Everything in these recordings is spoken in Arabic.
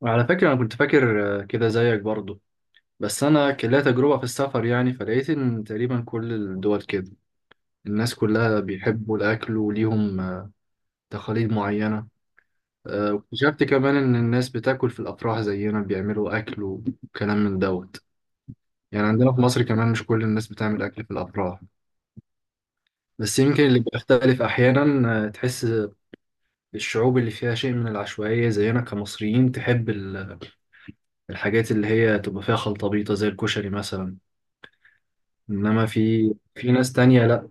وعلى فكرة، أنا كنت فاكر كده زيك برضو. بس أنا كان ليا تجربة في السفر يعني فلقيت إن تقريبا كل الدول كده الناس كلها بيحبوا الأكل وليهم تقاليد معينة. واكتشفت كمان إن الناس بتاكل في الأفراح زينا بيعملوا أكل وكلام من دوت. يعني عندنا في مصر كمان مش كل الناس بتعمل أكل في الأفراح، بس يمكن اللي بيختلف أحيانا. تحس الشعوب اللي فيها شيء من العشوائية زينا كمصريين تحب الحاجات اللي هي تبقى فيها خلطة بيضة زي الكشري مثلا. انما في ناس تانية لا.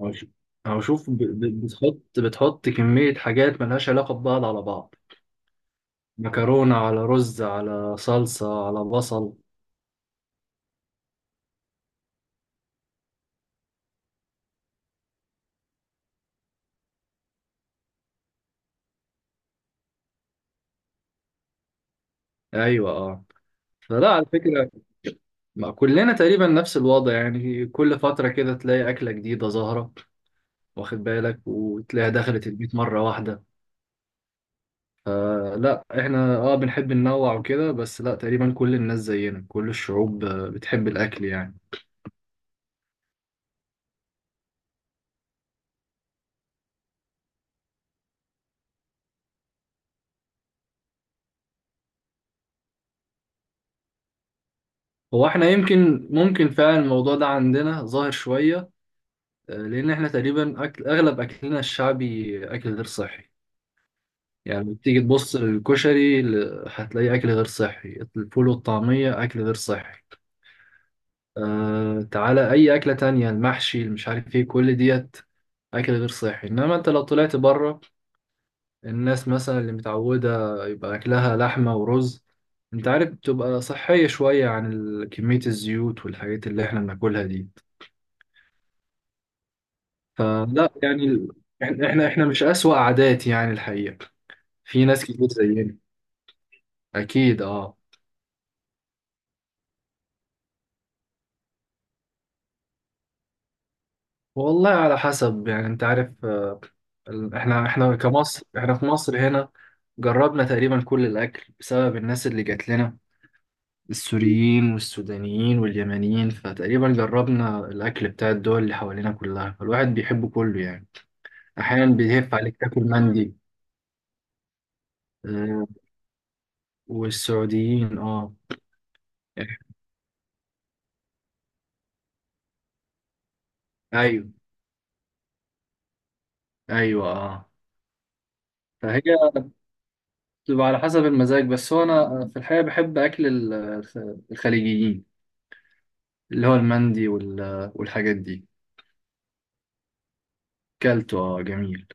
أو ش- أو شوف بتحط كمية حاجات ملهاش علاقة ببعض على بعض. مكرونة على رز على صلصة على بصل. ايوه، اه. فلا على فكرة، ما كلنا تقريبا نفس الوضع يعني كل فترة كده تلاقي أكلة جديدة ظاهرة، واخد بالك، وتلاقيها دخلت البيت مرة واحدة. فلا احنا بنحب ننوع وكده، بس لا، تقريبا كل الناس زينا كل الشعوب بتحب الأكل يعني. هو احنا يمكن ممكن فعلا الموضوع ده عندنا ظاهر شوية، لأن احنا تقريبا أكل أغلب أكلنا الشعبي أكل غير صحي. يعني تيجي تبص الكشري هتلاقيه أكل غير صحي. الفول والطعمية أكل غير صحي. تعالى أي أكلة تانية، المحشي اللي مش عارف إيه، كل ديت أكل غير صحي. إنما أنت لو طلعت بره، الناس مثلا اللي متعودة يبقى أكلها لحمة ورز، أنت عارف بتبقى صحية شوية عن كمية الزيوت والحاجات اللي احنا بناكلها دي. فلا يعني يعني احنا مش أسوأ عادات يعني الحقيقة، في ناس كتير زينا، اكيد اه. والله على حسب، يعني انت عارف احنا كمصر، احنا في مصر هنا جربنا تقريبا كل الاكل بسبب الناس اللي جات لنا، السوريين والسودانيين واليمنيين، فتقريبا جربنا الاكل بتاع الدول اللي حوالينا كلها، فالواحد بيحبه كله يعني. احيانا بيهف عليك تاكل مندي. آه، والسعوديين، اه. ايوه، ايوه، اه. فهي بتبقى على حسب المزاج، بس هو انا في الحقيقه بحب اكل الخليجيين، اللي هو المندي والحاجات دي. كلته، اه، جميل.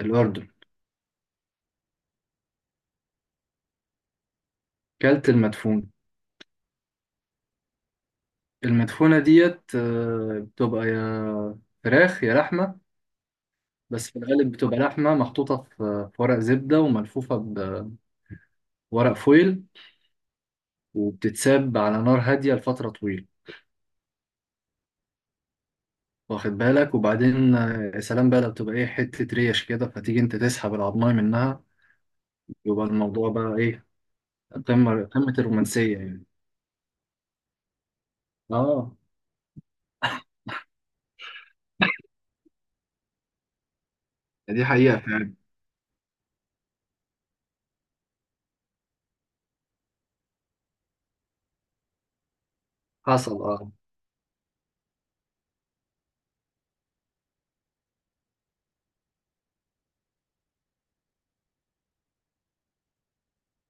الاردن. كلت المدفون. المدفونه ديت بتبقى يا فراخ يا لحمه، بس في الغالب بتبقى لحمه محطوطه في ورق زبده وملفوفه بورق فويل، وبتتساب على نار هاديه لفتره طويله. واخد بالك؟ وبعدين يا سلام بقى، لو بتبقى ايه حته ريش كده، فتيجي انت تسحب العضمايه منها، يبقى الموضوع بقى ايه، قمة قمة الرومانسية يعني. اه. دي حقيقة فعلا. حصل، اه.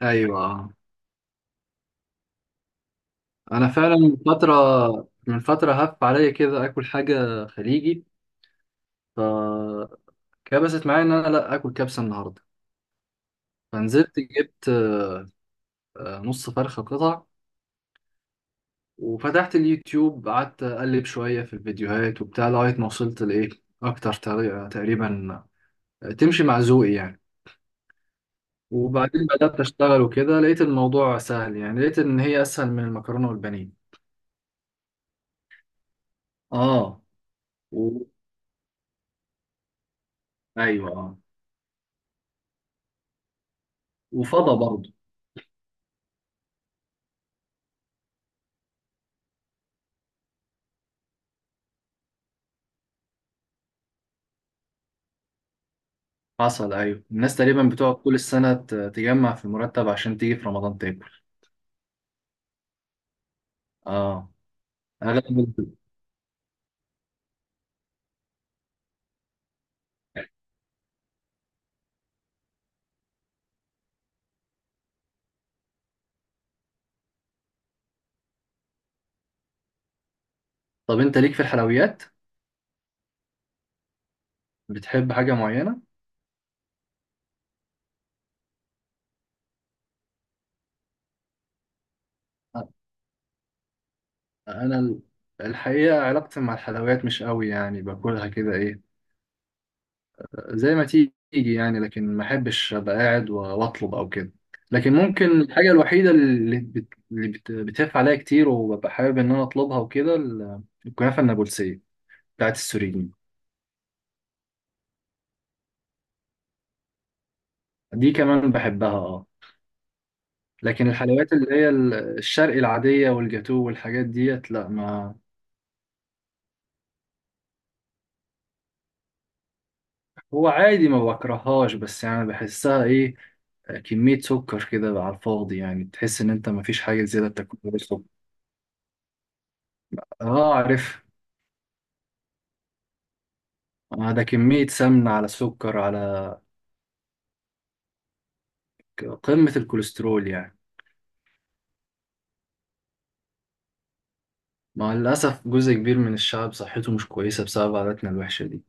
ايوه، اه. انا فعلا من فترة هف عليا كده اكل حاجة خليجي، فكبست معايا ان انا لا اكل كبسة النهاردة. فنزلت جبت نص فرخة قطع، وفتحت اليوتيوب، قعدت اقلب شوية في الفيديوهات وبتاع لغاية ما وصلت لايه، اكتر طريقة تقريبا تمشي مع ذوقي يعني. وبعدين بدأت أشتغل وكده، لقيت الموضوع سهل يعني، لقيت إن هي أسهل من المكرونة والبانيه. اه. و... ايوه، اه. وفضى برضه. حصل، ايوه. الناس تقريبا بتقعد كل السنه تجمع في المرتب عشان تيجي في رمضان تاكل. اه. اغلب طب انت ليك في الحلويات، بتحب حاجه معينه؟ آه، انا الحقيقه علاقتي مع الحلويات مش قوي، يعني باكلها كده ايه، زي ما تيجي يعني، لكن ما احبش ابقى قاعد واطلب او كده. لكن ممكن الحاجه الوحيده اللي بتقف عليا كتير وببقى حابب ان انا اطلبها وكده، الكنافه النابلسيه بتاعت السوريين. دي كمان بحبها، اه. لكن الحلويات اللي هي الشرقي العادية والجاتو والحاجات ديت، لا ما. هو عادي ما بكرههاش، بس يعني بحسها ايه، كمية سكر كده على الفاضي، يعني تحس ان انت ما فيش حاجة زيادة بتاكلها بالسكر. اه، عارف. ده كمية سمنة على سكر على قمة الكوليسترول يعني. مع الأسف جزء كبير من الشعب صحته مش كويسة بسبب عاداتنا الوحشة دي.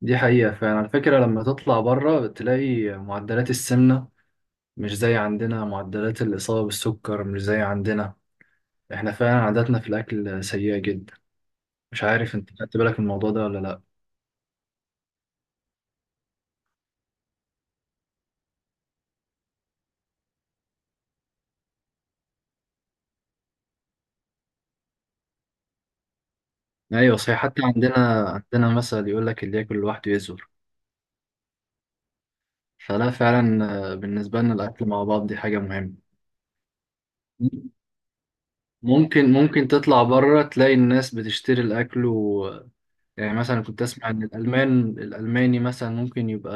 دي حقيقة فعلا، على فكرة لما تطلع بره بتلاقي معدلات السمنة مش زي عندنا، معدلات الإصابة بالسكر مش زي عندنا. احنا فعلا عاداتنا في الأكل سيئة جدا. مش عارف انت خدت بالك من الموضوع ده ولا لأ. أيوة صحيح، حتى عندنا مثل يقول لك اللي ياكل لوحده يزور. فلا، فعلا بالنسبة لنا الأكل مع بعض دي حاجة مهمة. ممكن تطلع بره تلاقي الناس بتشتري الأكل و... يعني مثلا كنت أسمع إن الألمان، الألماني مثلا ممكن يبقى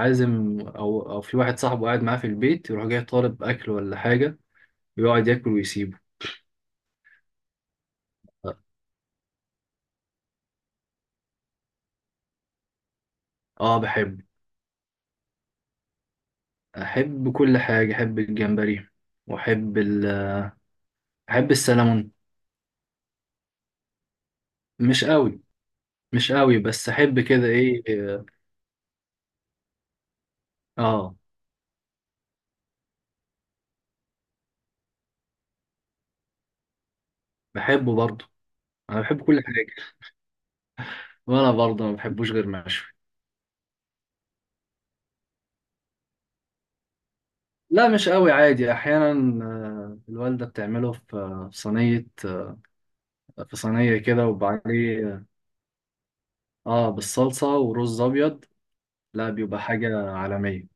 عازم، أو في واحد صاحبه قاعد معاه في البيت، يروح جاي طالب أكل ولا حاجة ويقعد ياكل ويسيبه. اه، بحب. احب كل حاجة، احب الجمبري، واحب ال... احب السلمون. مش قوي مش قوي بس احب كده ايه. اه، بحبه برضه. انا بحب كل حاجة، وانا برضه ما بحبوش غير مشوي. لا مش قوي، عادي احيانا. الوالدة بتعمله في في صينية، في صينية كده وبعديه. اه، بالصلصة ورز ابيض. لا بيبقى حاجة عالمية.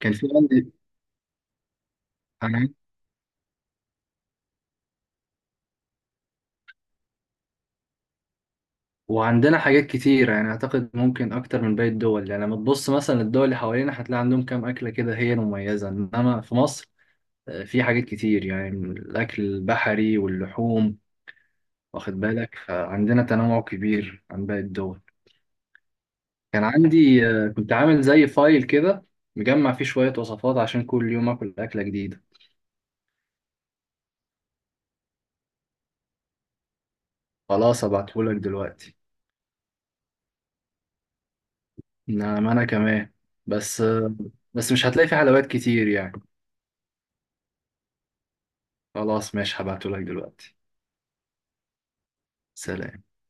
كان في عندي انا. وعندنا حاجات كتير، يعني أعتقد ممكن أكتر من باقي الدول، يعني لما تبص مثلا الدول اللي حوالينا هتلاقي عندهم كام أكلة كده هي المميزة، إنما في مصر في حاجات كتير، يعني من الأكل البحري واللحوم، واخد بالك، فعندنا تنوع كبير عن باقي الدول. كان عندي كنت عامل زي فايل كده، مجمع فيه شوية وصفات عشان كل يوم آكل أكلة جديدة. خلاص أبعتهولك دلوقتي. نعم أنا كمان، بس بس مش هتلاقي فيه حلويات كتير يعني. خلاص ماشي، هبعتهولك دلوقتي. سلام.